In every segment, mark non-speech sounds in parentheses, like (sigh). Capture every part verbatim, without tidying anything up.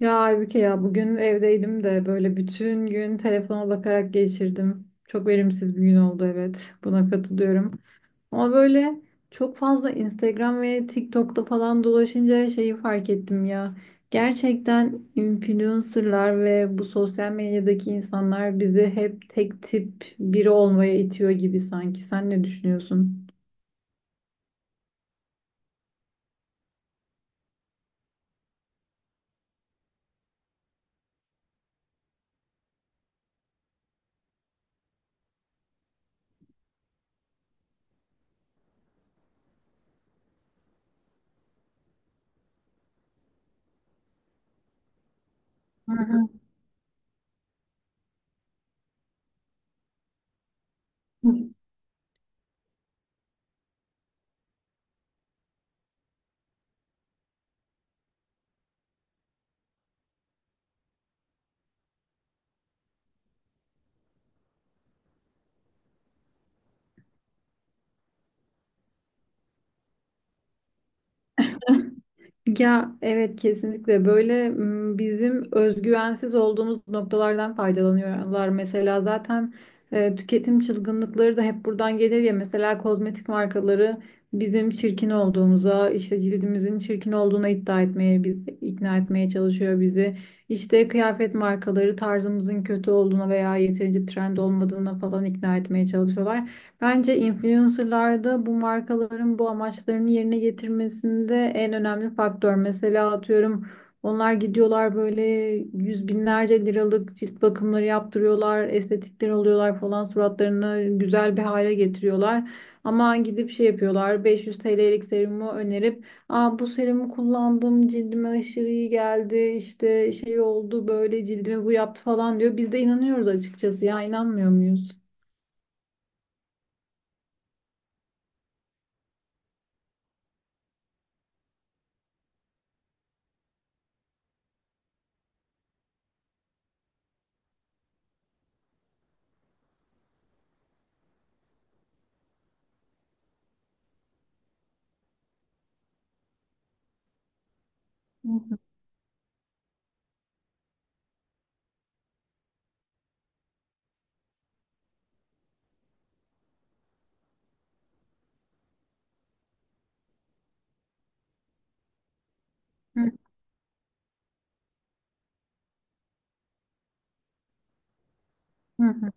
Ya Aybüke ya bugün evdeydim de böyle bütün gün telefona bakarak geçirdim. Çok verimsiz bir gün oldu, evet. Buna katılıyorum. Ama böyle çok fazla Instagram ve TikTok'ta falan dolaşınca şeyi fark ettim ya. Gerçekten influencerlar ve bu sosyal medyadaki insanlar bizi hep tek tip biri olmaya itiyor gibi sanki. Sen ne düşünüyorsun? Hı hı. Ya evet, kesinlikle böyle m, bizim özgüvensiz olduğumuz noktalardan faydalanıyorlar. Mesela zaten e, tüketim çılgınlıkları da hep buradan gelir ya. Mesela kozmetik markaları bizim çirkin olduğumuza, işte cildimizin çirkin olduğuna iddia etmeye, bi- ikna etmeye çalışıyor bizi. İşte kıyafet markaları tarzımızın kötü olduğuna veya yeterince trend olmadığına falan ikna etmeye çalışıyorlar. Bence influencerlarda bu markaların bu amaçlarını yerine getirmesinde en önemli faktör. Mesela atıyorum onlar gidiyorlar böyle yüz binlerce liralık cilt bakımları yaptırıyorlar, estetikler oluyorlar falan, suratlarını güzel bir hale getiriyorlar. Ama gidip şey yapıyorlar, beş yüz T L'lik serumu önerip "Aa, bu serumu kullandım, cildime aşırı iyi geldi, işte şey oldu, böyle cildime bu yaptı" falan diyor. Biz de inanıyoruz açıkçası, ya inanmıyor muyuz? Hı hı. Hı hı.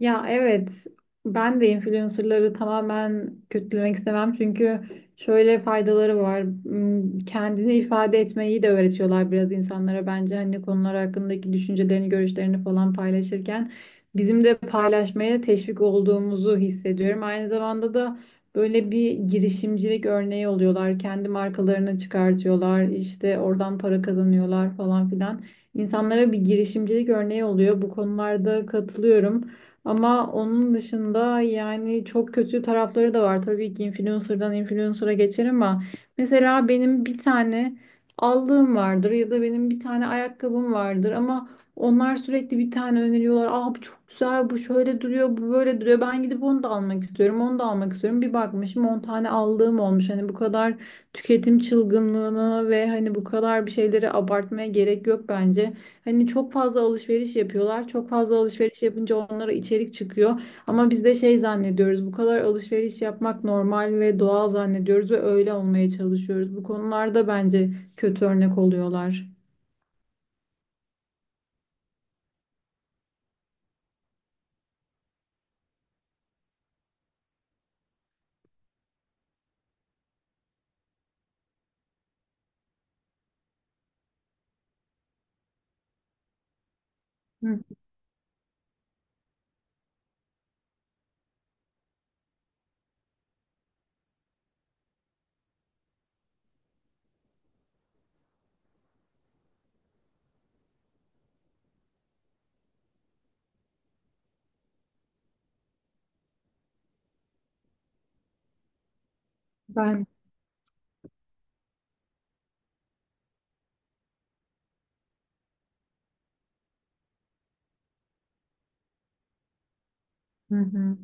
Ya evet, ben de influencerları tamamen kötülemek istemem, çünkü şöyle faydaları var. Hmm, kendini ifade etmeyi de öğretiyorlar biraz insanlara bence, hani konular hakkındaki düşüncelerini, görüşlerini falan paylaşırken bizim de paylaşmaya teşvik olduğumuzu hissediyorum. Aynı zamanda da böyle bir girişimcilik örneği oluyorlar. Kendi markalarını çıkartıyorlar, işte oradan para kazanıyorlar falan filan. İnsanlara bir girişimcilik örneği oluyor. Bu konularda katılıyorum. Ama onun dışında yani çok kötü tarafları da var. Tabii ki influencer'dan influencer'a geçer, ama mesela benim bir tane aldığım vardır ya da benim bir tane ayakkabım vardır, ama onlar sürekli bir tane öneriyorlar. Aa, bu çok güzel, bu şöyle duruyor, bu böyle duruyor. Ben gidip onu da almak istiyorum, onu da almak istiyorum. Bir bakmışım on tane aldığım olmuş. Hani bu kadar tüketim çılgınlığına ve hani bu kadar bir şeyleri abartmaya gerek yok bence. Hani çok fazla alışveriş yapıyorlar. Çok fazla alışveriş yapınca onlara içerik çıkıyor. Ama biz de şey zannediyoruz. Bu kadar alışveriş yapmak normal ve doğal zannediyoruz ve öyle olmaya çalışıyoruz. Bu konularda bence kötü örnek oluyorlar. Hı, ben hı hı.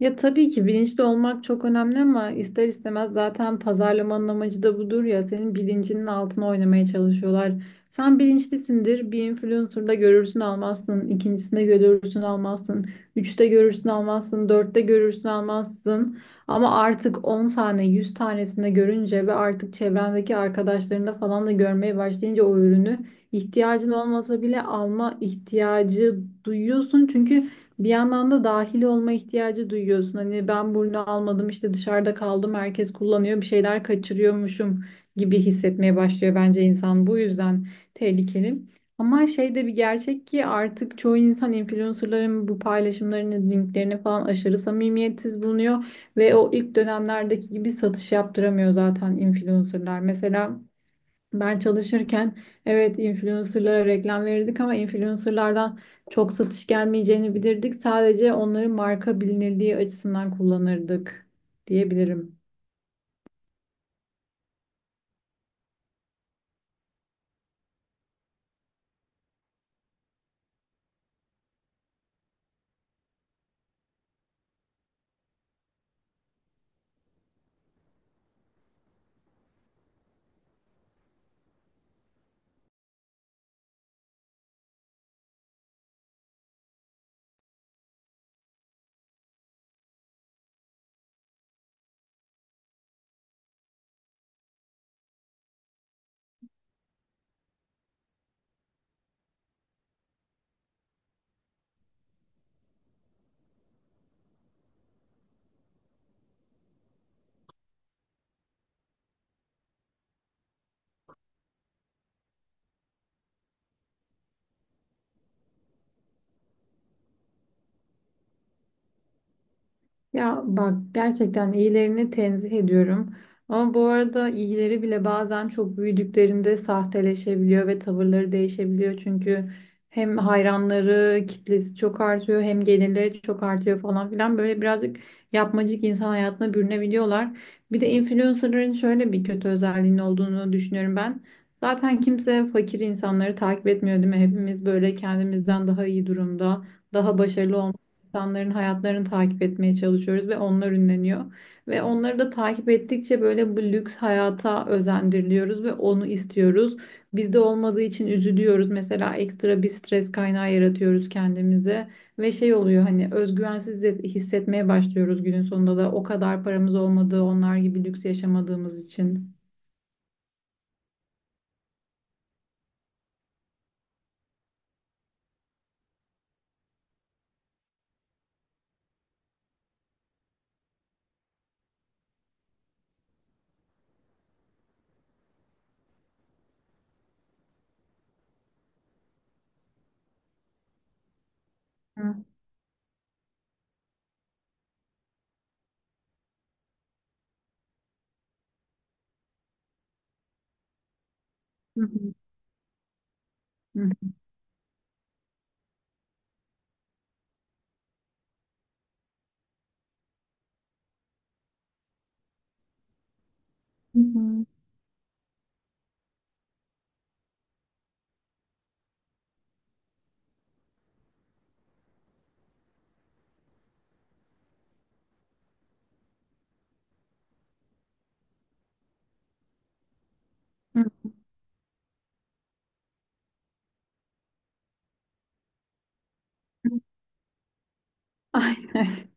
Ya tabii ki bilinçli olmak çok önemli, ama ister istemez zaten pazarlamanın amacı da budur ya, senin bilincinin altına oynamaya çalışıyorlar. Sen bilinçlisindir, bir influencer'da görürsün almazsın, ikincisinde görürsün almazsın, üçte görürsün almazsın, dörtte görürsün almazsın. Ama artık on tane yüz tanesinde görünce ve artık çevrendeki arkadaşlarında falan da görmeye başlayınca o ürünü ihtiyacın olmasa bile alma ihtiyacı duyuyorsun. Çünkü bir yandan da dahil olma ihtiyacı duyuyorsun. Hani ben bunu almadım, işte dışarıda kaldım, herkes kullanıyor, bir şeyler kaçırıyormuşum gibi hissetmeye başlıyor bence insan. Bu yüzden tehlikeli. Ama şey de bir gerçek ki, artık çoğu insan influencerların bu paylaşımlarını, linklerini falan aşırı samimiyetsiz bulunuyor ve o ilk dönemlerdeki gibi satış yaptıramıyor zaten influencerlar. Mesela ben çalışırken evet, influencerlara reklam verirdik, ama influencerlardan çok satış gelmeyeceğini bilirdik. Sadece onların marka bilinirliği açısından kullanırdık diyebilirim. Ya bak, gerçekten iyilerini tenzih ediyorum. Ama bu arada iyileri bile bazen çok büyüdüklerinde sahteleşebiliyor ve tavırları değişebiliyor. Çünkü hem hayranları, kitlesi çok artıyor, hem gelirleri çok artıyor falan filan. Böyle birazcık yapmacık insan hayatına bürünebiliyorlar. Bir de influencerların şöyle bir kötü özelliğinin olduğunu düşünüyorum ben. Zaten kimse fakir insanları takip etmiyor, değil mi? Hepimiz böyle kendimizden daha iyi durumda, daha başarılı insanların hayatlarını takip etmeye çalışıyoruz ve onlar ünleniyor. Ve onları da takip ettikçe böyle bu lüks hayata özendiriliyoruz ve onu istiyoruz. Bizde olmadığı için üzülüyoruz. Mesela ekstra bir stres kaynağı yaratıyoruz kendimize ve şey oluyor, hani özgüvensiz de- hissetmeye başlıyoruz günün sonunda da, o kadar paramız olmadığı, onlar gibi lüks yaşamadığımız için. Hı hı hı. Hı hı. Hı. (laughs)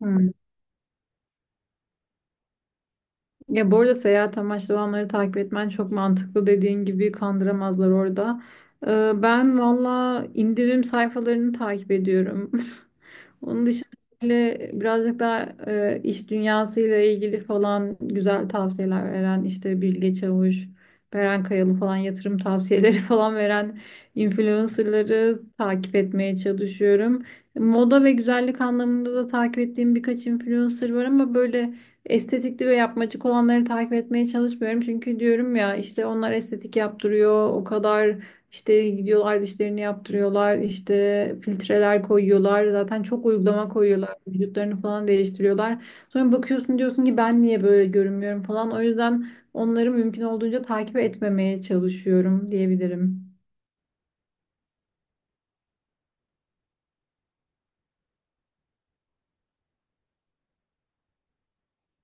Aynen. Ya bu arada seyahat amaçlı olanları takip etmen çok mantıklı, dediğin gibi kandıramazlar orada. Ee, ben valla indirim sayfalarını takip ediyorum. (laughs) Onun dışında böyle birazcık daha e, iş dünyasıyla ilgili falan güzel tavsiyeler veren işte Bilge Çavuş, Beren Kayalı falan, yatırım tavsiyeleri (laughs) falan veren influencerları takip etmeye çalışıyorum. Moda ve güzellik anlamında da takip ettiğim birkaç influencer var, ama böyle estetikli ve yapmacık olanları takip etmeye çalışmıyorum. Çünkü diyorum ya, işte onlar estetik yaptırıyor. O kadar işte gidiyorlar dişlerini yaptırıyorlar, işte filtreler koyuyorlar. Zaten çok uygulama koyuyorlar. Vücutlarını falan değiştiriyorlar. Sonra bakıyorsun diyorsun ki ben niye böyle görünmüyorum falan. O yüzden onları mümkün olduğunca takip etmemeye çalışıyorum diyebilirim.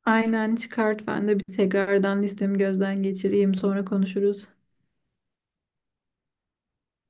Aynen, çıkart, ben de bir tekrardan listemi gözden geçireyim, sonra konuşuruz.